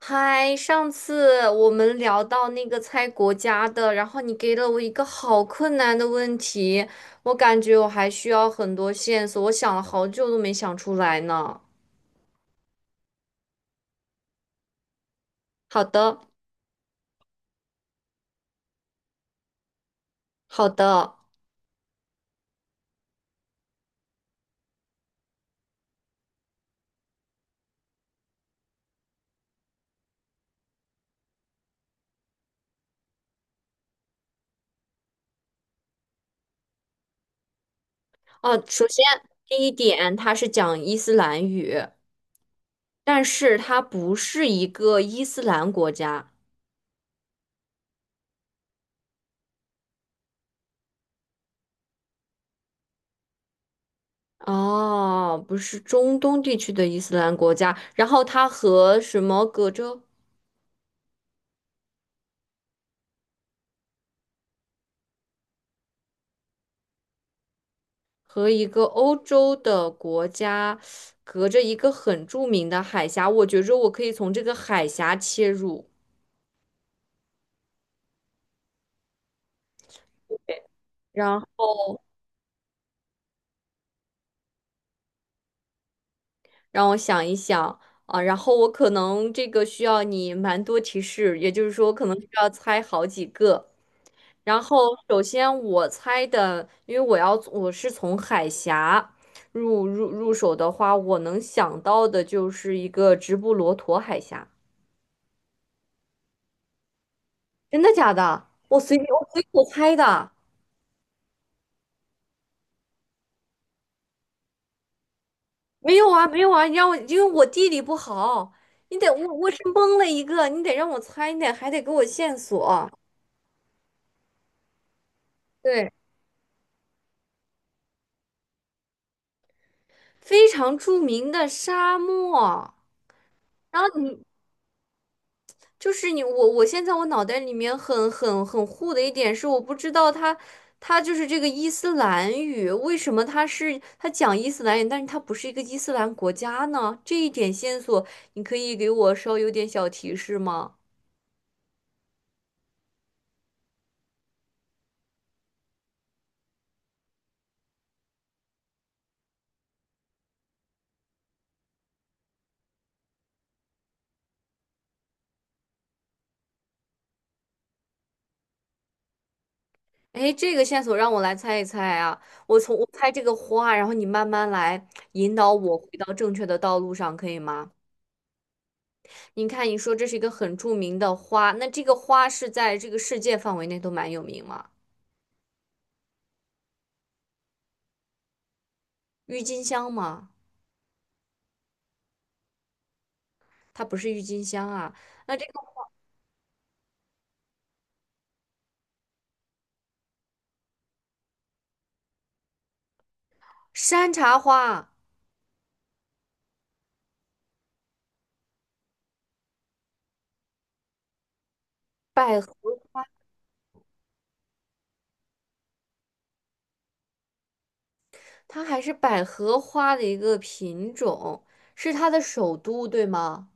嗨，上次我们聊到那个猜国家的，然后你给了我一个好困难的问题，我感觉我还需要很多线索，我想了好久都没想出来呢。好的，好的。哦，首先第一点，它是讲伊斯兰语，但是它不是一个伊斯兰国家。哦，不是中东地区的伊斯兰国家，然后它和什么隔着？和一个欧洲的国家隔着一个很著名的海峡，我觉着我可以从这个海峡切入，然后让我想一想啊，然后我可能这个需要你蛮多提示，也就是说我可能需要猜好几个。然后首先我猜的，因为我是从海峡入手的话，我能想到的就是一个直布罗陀海峡，真的假的？我随便我随口猜的。没有啊，没有啊，你让我，因为我地理不好，你得我是蒙了一个，你得让我猜，你得还得给我线索。对，非常著名的沙漠。然后你就是你，我现在我脑袋里面很糊的一点是，我不知道它就是这个伊斯兰语，为什么它是它讲伊斯兰语，但是它不是一个伊斯兰国家呢？这一点线索，你可以给我稍有点小提示吗？哎，这个线索让我来猜一猜啊！我从我猜这个花，然后你慢慢来引导我回到正确的道路上，可以吗？你看，你说这是一个很著名的花，那这个花是在这个世界范围内都蛮有名吗？郁金香吗？它不是郁金香啊。那这个山茶花、百合，它还是百合花的一个品种，是它的首都，对吗？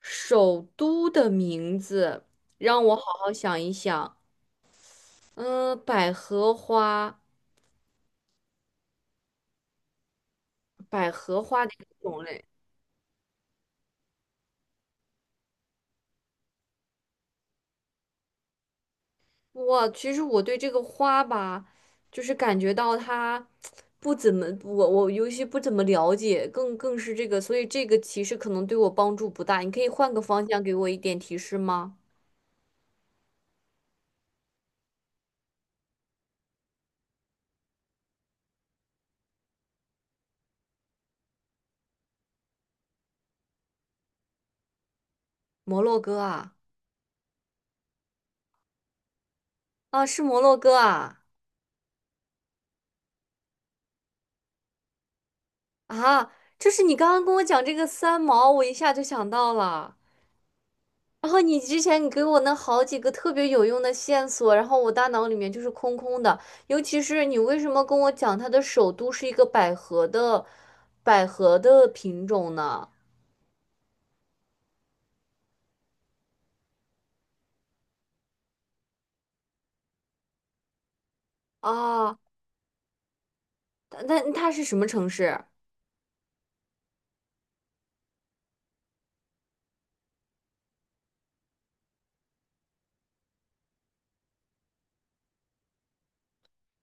首都的名字，让我好好想一想。嗯，百合花，百合花的一个种类。我其实我对这个花吧，就是感觉到它不怎么，我尤其不怎么了解，更是这个，所以这个其实可能对我帮助不大。你可以换个方向给我一点提示吗？摩洛哥啊，啊，是摩洛哥啊，啊，就是你刚刚跟我讲这个三毛，我一下就想到了。然后你之前你给我那好几个特别有用的线索，然后我大脑里面就是空空的。尤其是你为什么跟我讲它的首都是一个百合的品种呢？啊，那它是什么城市？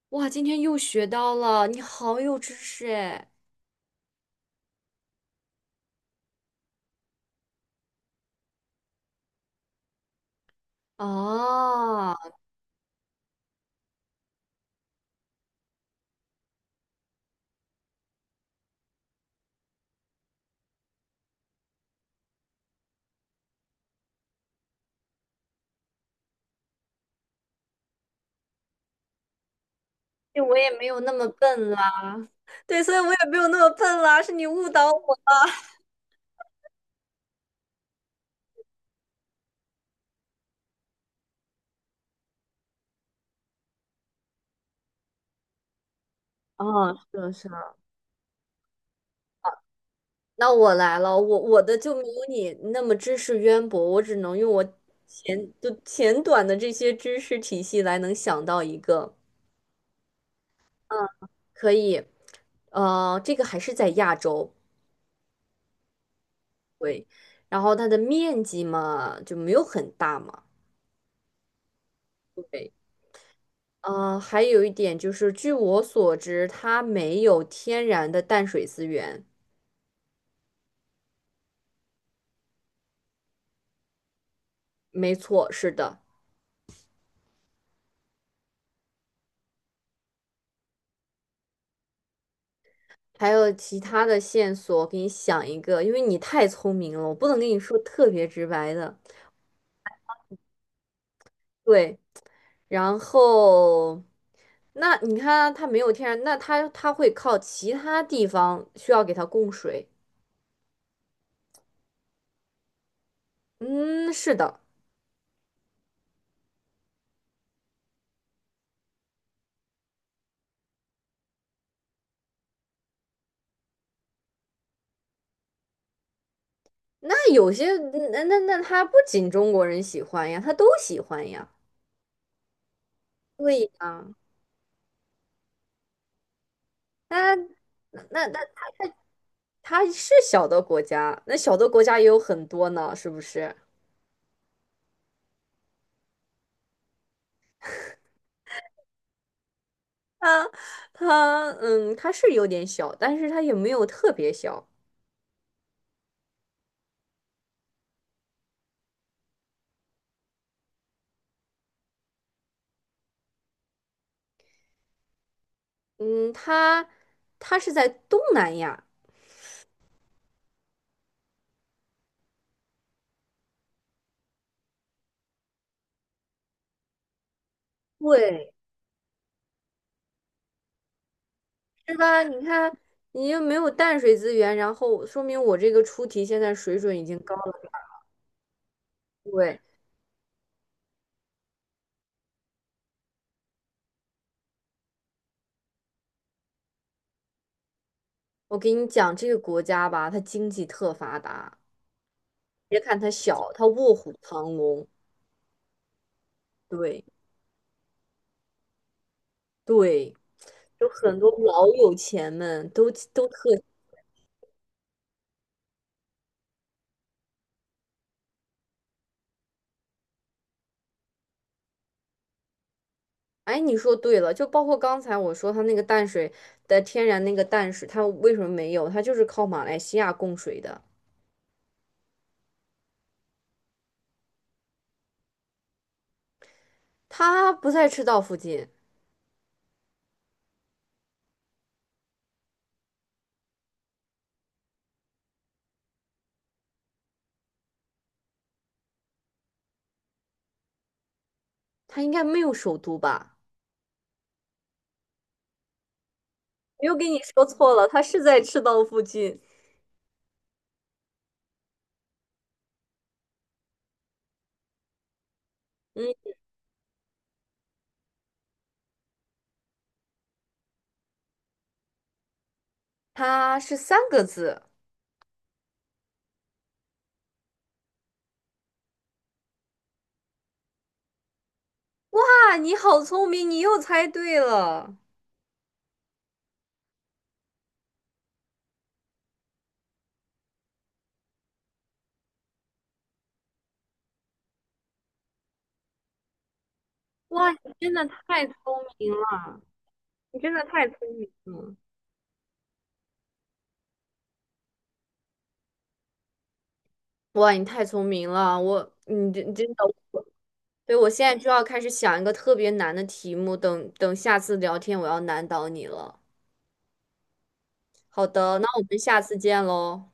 哇，今天又学到了，你好有知识哎！啊，对我也没有那么笨啦，对，所以我也没有那么笨啦，是你误导我。啊，是的，是的那我来了，我就没有你那么知识渊博，我只能用我浅短的这些知识体系来能想到一个，嗯，可以，呃，这个还是在亚洲，对，然后它的面积嘛就没有很大嘛，对，呃，还有一点就是，据我所知，它没有天然的淡水资源，没错，是的。还有其他的线索，我给你想一个，因为你太聪明了，我不能跟你说特别直白的。对，然后那你看啊它没有天然，那它会靠其他地方需要给它供水。嗯，是的。那有些嗯那它不仅中国人喜欢呀，它都喜欢呀。对呀，它那那它是小的国家，那小的国家也有很多呢，是不是？它嗯，它是有点小，但是它也没有特别小。嗯，它是在东南亚，对，是吧？你看，你又没有淡水资源，然后说明我这个出题现在水准已经高了。对，我给你讲这个国家吧，它经济特发达。别看它小，它卧虎藏龙。对对，就很多老有钱们都特哎，你说对了，就包括刚才我说它那个淡水的天然那个淡水，它为什么没有？它就是靠马来西亚供水的，它不在赤道附近，它应该没有首都吧？没有给你说错了，它是在赤道附近。嗯，它是三个字。哇，你好聪明，你又猜对了！哇，你真的太聪明了，你真的太聪明了！哇，你太聪明了，我，你真真的。对，我现在就要开始想一个特别难的题目，等等下次聊天我要难倒你了。好的，那我们下次见喽。